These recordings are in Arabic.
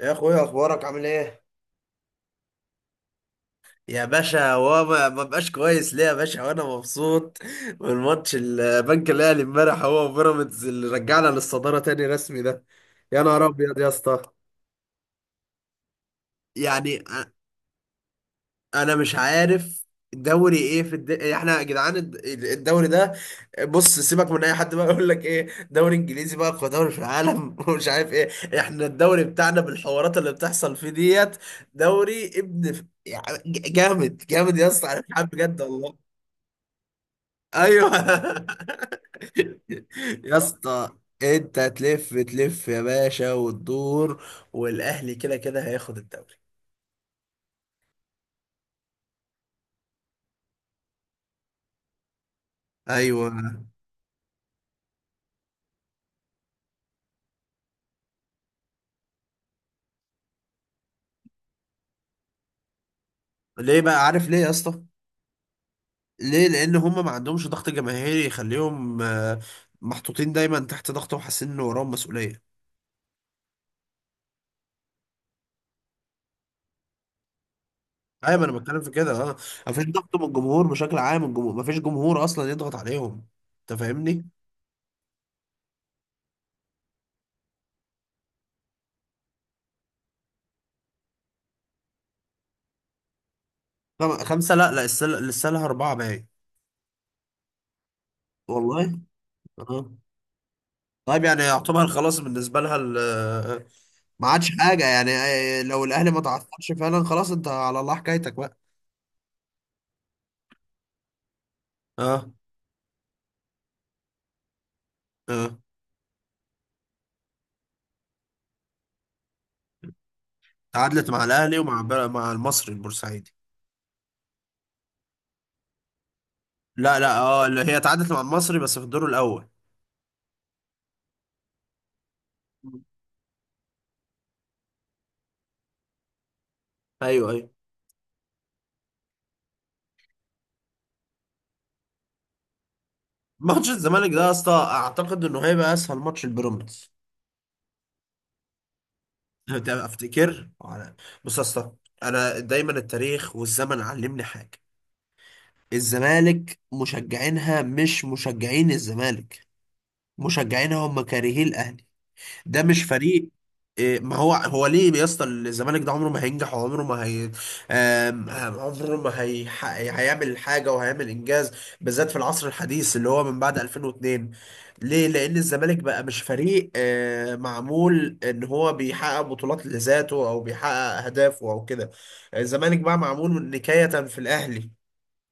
يا اخويا، اخبارك عامل ايه؟ يا باشا، هو ما بقاش كويس ليه يا باشا وانا مبسوط من ماتش البنك الاهلي امبارح هو وبيراميدز اللي رجعنا للصداره تاني رسمي ده. يا نهار ابيض يا اسطى. يعني انا مش عارف. الدوري ايه احنا يا جدعان الدوري ده. بص سيبك من اي حد بقى يقول لك ايه دوري انجليزي بقى اقوى دوري في العالم ومش عارف ايه. احنا الدوري بتاعنا بالحوارات اللي بتحصل فيه ديت. دوري ابن يعني جامد جامد يا اسطى، انا مش عارف بجد والله. ايوه يا اسطى، انت تلف تلف يا باشا وتدور، والاهلي كده كده هياخد الدوري. ايوه. ليه بقى؟ عارف ليه يا اسطى؟ ليه؟ لان هم ما عندهمش ضغط جماهيري يخليهم محطوطين دايما تحت ضغط وحاسين ان وراهم مسؤوليه. ايوه، ما انا بتكلم في كده، اه. مفيش ضغط من الجمهور بشكل عام، الجمهور مفيش جمهور اصلا يضغط عليهم. انت فاهمني؟ خمسه، لا لا، السله لسه لها اربعه باين. والله. اه. طيب يعني يعتبر خلاص بالنسبه لها ما عادش حاجه يعني، لو الاهلي ما تعثرش فعلا خلاص، انت على الله حكايتك بقى. اه. اه. تعادلت مع الاهلي ومع مع المصري البورسعيدي. لا لا، اه، اللي هي تعادلت مع المصري بس في الدور الاول. ايوه ايوه. ماتش الزمالك ده يا اسطى اعتقد انه هيبقى اسهل ماتش البيراميدز. أنت افتكر بص يا اسطى، انا دايما التاريخ والزمن علمني حاجه. الزمالك مشجعينها مش مشجعين الزمالك، مشجعينها هم كارهين الاهلي. ده مش فريق. إيه، ما هو ليه يا اسطى؟ الزمالك ده عمره ما هينجح وعمره ما هي، عمره ما هي هيعمل حاجه وهيعمل انجاز، بالذات في العصر الحديث اللي هو من بعد 2002. ليه؟ لان الزمالك بقى مش فريق معمول ان هو بيحقق بطولات لذاته او بيحقق اهدافه او كده. الزمالك بقى معمول نكايه في الاهلي.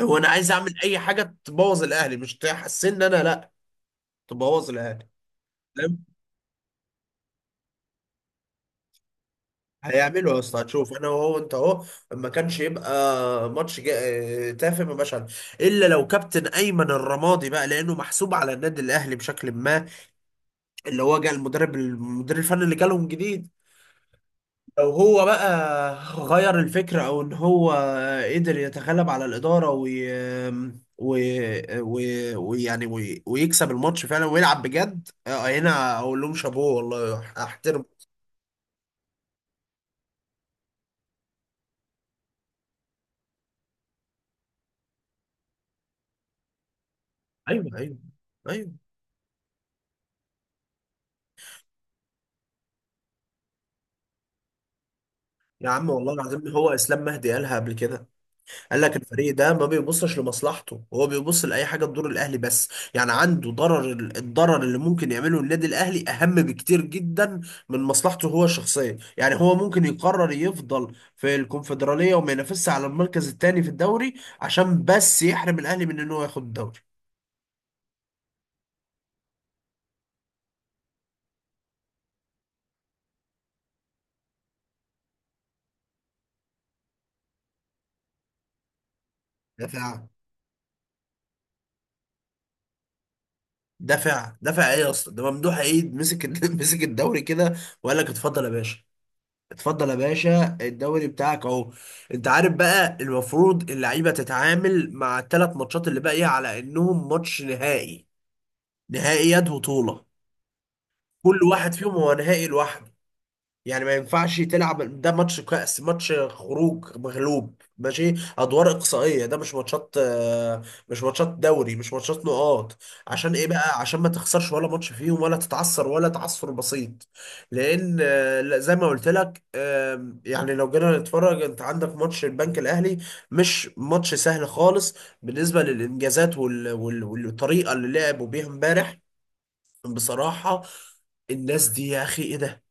هو انا عايز اعمل اي حاجه تبوظ الاهلي، مش تحسن ان انا، لا، تبوظ الاهلي. هيعملوا يا اسطى هتشوف، انا وهو انت اهو. ما كانش يبقى ماتش تافه ما بقاش عارف، الا لو كابتن ايمن الرمادي بقى، لانه محسوب على النادي الاهلي بشكل ما، اللي هو جه المدرب المدير الفني اللي جالهم جديد. لو هو بقى غير الفكره او ان هو قدر يتغلب على الاداره ويكسب الماتش فعلا ويلعب بجد، هنا اقول لهم شابوه والله احترم. ايوه ايوه ايوه. يا عم والله العظيم، هو اسلام مهدي قالها قبل كده. قال لك الفريق ده ما بيبصش لمصلحته، هو بيبص لاي حاجه تضر الاهلي بس. يعني عنده ضرر، الضرر اللي ممكن يعمله النادي الاهلي اهم بكتير جدا من مصلحته هو الشخصيه. يعني هو ممكن يقرر يفضل في الكونفدراليه وما ينافسش على المركز الثاني في الدوري عشان بس يحرم الاهلي من ان هو ياخد الدوري. دافع. دافع ايه يا اسطى؟ ده ممدوح عيد مسك مسك الدوري كده وقال لك اتفضل يا باشا، اتفضل يا باشا الدوري بتاعك اهو. انت عارف بقى، المفروض اللعيبه تتعامل مع الثلاث ماتشات اللي باقيه على انهم ماتش نهائي، نهائيات بطوله، كل واحد فيهم هو نهائي لوحده. يعني ما ينفعش تلعب ده ماتش كأس، ماتش خروج مغلوب ماشي، ادوار اقصائيه، ده مش ماتشات، مش ماتشات دوري، مش ماتشات نقاط. عشان ايه بقى؟ عشان ما تخسرش ولا ماتش فيهم ولا تتعثر ولا تعثر بسيط، لان، لا، زي ما قلت لك، يعني لو جينا نتفرج، انت عندك ماتش البنك الاهلي، مش ماتش سهل خالص، بالنسبه للانجازات والطريقه اللي لعبوا بيها امبارح. بصراحه، الناس دي يا اخي ايه ده.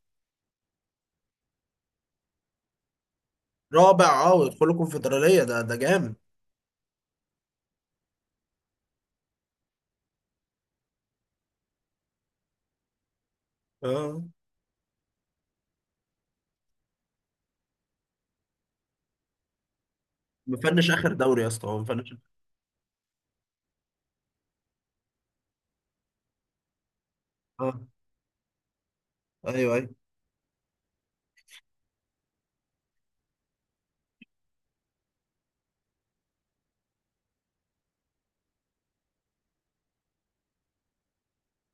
رابع، اه، ويدخلوا الكونفدرالية، ده جامد. اه. مفنش اخر دوري يا اسطى، هو مفنش. اه. ايوه ايوه.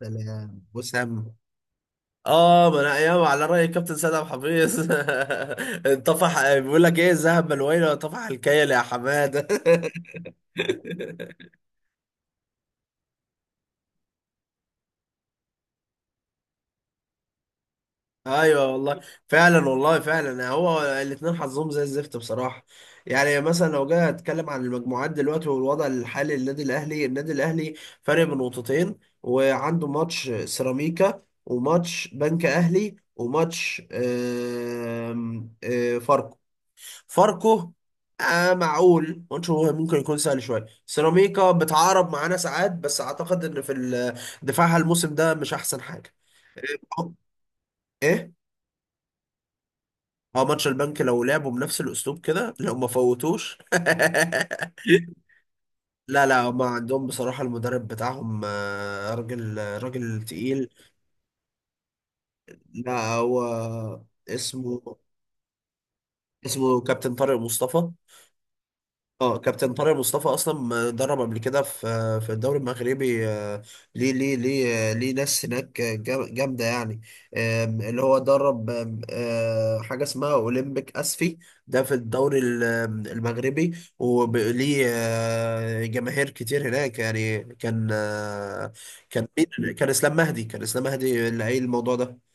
سلام وسام. اه، ما انا ايام على راي الكابتن سيد عبد الحفيظ انطفح، بيقول لك ايه، الذهب ملوينا وانطفح الكيل يا حماده. ايوه والله. فعلا والله فعلا، هو الاثنين حظهم زي الزفت بصراحه. يعني مثلا لو جاي اتكلم عن المجموعات دلوقتي والوضع الحالي للنادي الاهلي، النادي الاهلي فارق بنقطتين، وعنده ماتش سيراميكا وماتش بنك اهلي وماتش آم، آه، فاركو. معقول ماتش هو ممكن يكون سهل شويه، سيراميكا بتعارب معانا ساعات بس اعتقد ان في دفاعها الموسم ده مش احسن حاجه. أه؟ ايه. اه، ماتش البنك لو لعبوا بنفس الاسلوب كده، لو ما فوتوش لا لا، هما عندهم بصراحة المدرب بتاعهم، راجل، راجل تقيل. لا، هو اسمه اسمه كابتن طارق مصطفى. اه، كابتن طارق مصطفى اصلا درب قبل كده في في الدوري المغربي، ليه؟ ليه ليه ناس هناك جامده يعني. اللي هو درب آم، آه، حاجه اسمها اولمبيك اسفي، ده في الدوري المغربي، وليه جماهير كتير هناك، يعني كان كان مين، كان اسلام مهدي اللي قايل الموضوع ده.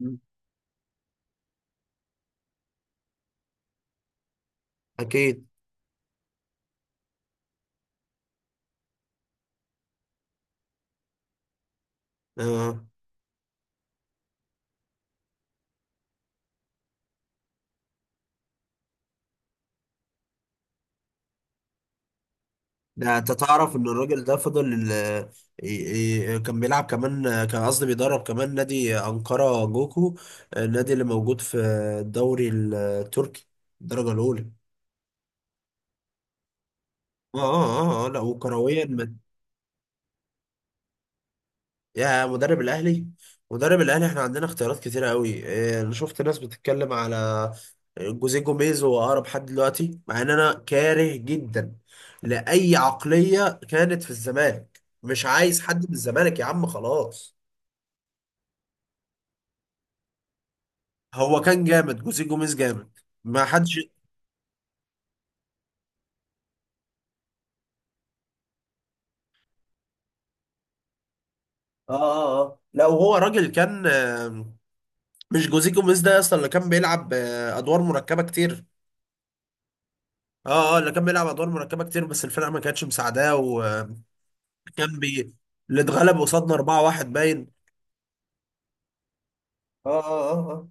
مم. اكيد. آه. ده انت تعرف ان الراجل ده فضل كان بيلعب كمان، كان قصدي بيدرب كمان نادي أنقرة جوكو، النادي اللي موجود في الدوري التركي الدرجة الأولى. اه اه اه، لا وكرويا يا مدرب الأهلي، مدرب الأهلي احنا عندنا اختيارات كتيرة قوي، انا شفت ناس بتتكلم على جوزيه جوميز، هو أقرب حد دلوقتي، مع ان انا كاره جدا لأي عقلية كانت في الزمالك. مش عايز حد من الزمالك يا عم، خلاص. هو كان جامد، جوزيه جوميز جامد، ما حدش. اه. اه اه، لا، وهو راجل كان، مش جوزيه جوميز ده اصلا اللي كان بيلعب ادوار مركبه كتير؟ اه. اه، اللي كان بيلعب ادوار مركبه كتير، بس الفرقه ما كانتش مساعداه، وكان بي اللي اتغلب قصادنا 4-1 باين. اه اه اه اه.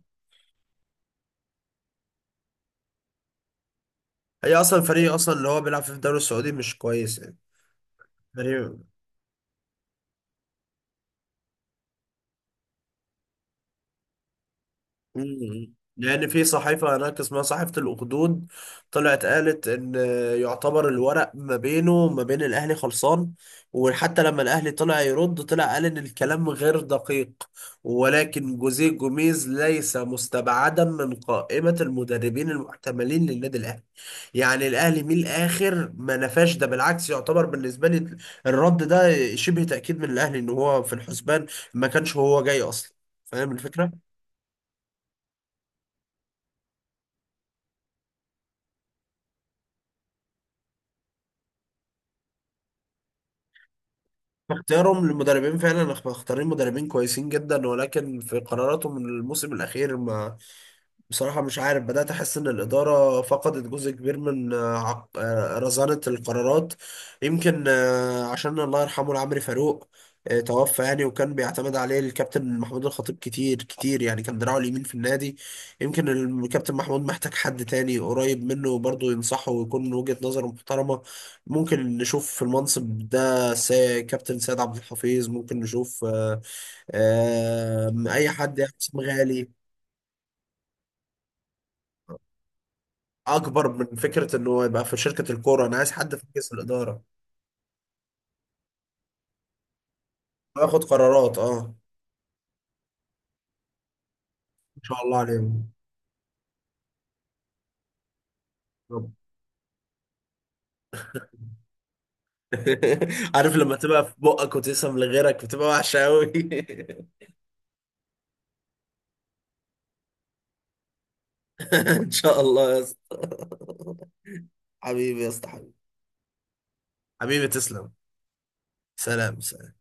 هي اصلا الفريق اصلا اللي هو بيلعب فيه في الدوري السعودي مش كويس يعني، فريق. مم. لأن في صحيفة هناك اسمها صحيفة الأخدود طلعت قالت إن، يعتبر الورق ما بينه وما بين الأهلي خلصان. وحتى لما الأهلي طلع يرد، طلع قال إن الكلام غير دقيق ولكن جوزيه جوميز ليس مستبعدا من قائمة المدربين المحتملين للنادي الأهلي. يعني الأهلي من الآخر ما نفاش، ده بالعكس يعتبر بالنسبة لي الرد ده شبه تأكيد من الأهلي إن هو في الحسبان، ما كانش هو جاي أصلا. فاهم الفكرة؟ اختيارهم للمدربين فعلا، مختارين مدربين كويسين جدا، ولكن في قراراتهم الموسم الاخير، ما، بصراحة مش عارف، بدأت أحس إن الإدارة فقدت جزء كبير من رزانة القرارات. يمكن عشان الله يرحمه العمري فاروق توفى، يعني وكان بيعتمد عليه الكابتن محمود الخطيب كتير كتير، يعني كان دراعه اليمين في النادي. يمكن الكابتن محمود محتاج حد تاني قريب منه برضه ينصحه ويكون وجهة نظره محترمة. ممكن نشوف في المنصب ده كابتن سيد عبد الحفيظ، ممكن نشوف أي حد يعني، اسم غالي، اكبر من فكره انه يبقى في شركه الكوره. انا عايز حد في مجلس الاداره وياخد قرارات، اه. ما شاء الله عليهم. طب. عارف لما تبقى في بقك وتسم لغيرك بتبقى وحشه قوي ان شاء الله يا اسطى. حبيبي يا اسطى، حبيبي. حبيبي تسلم. سلام.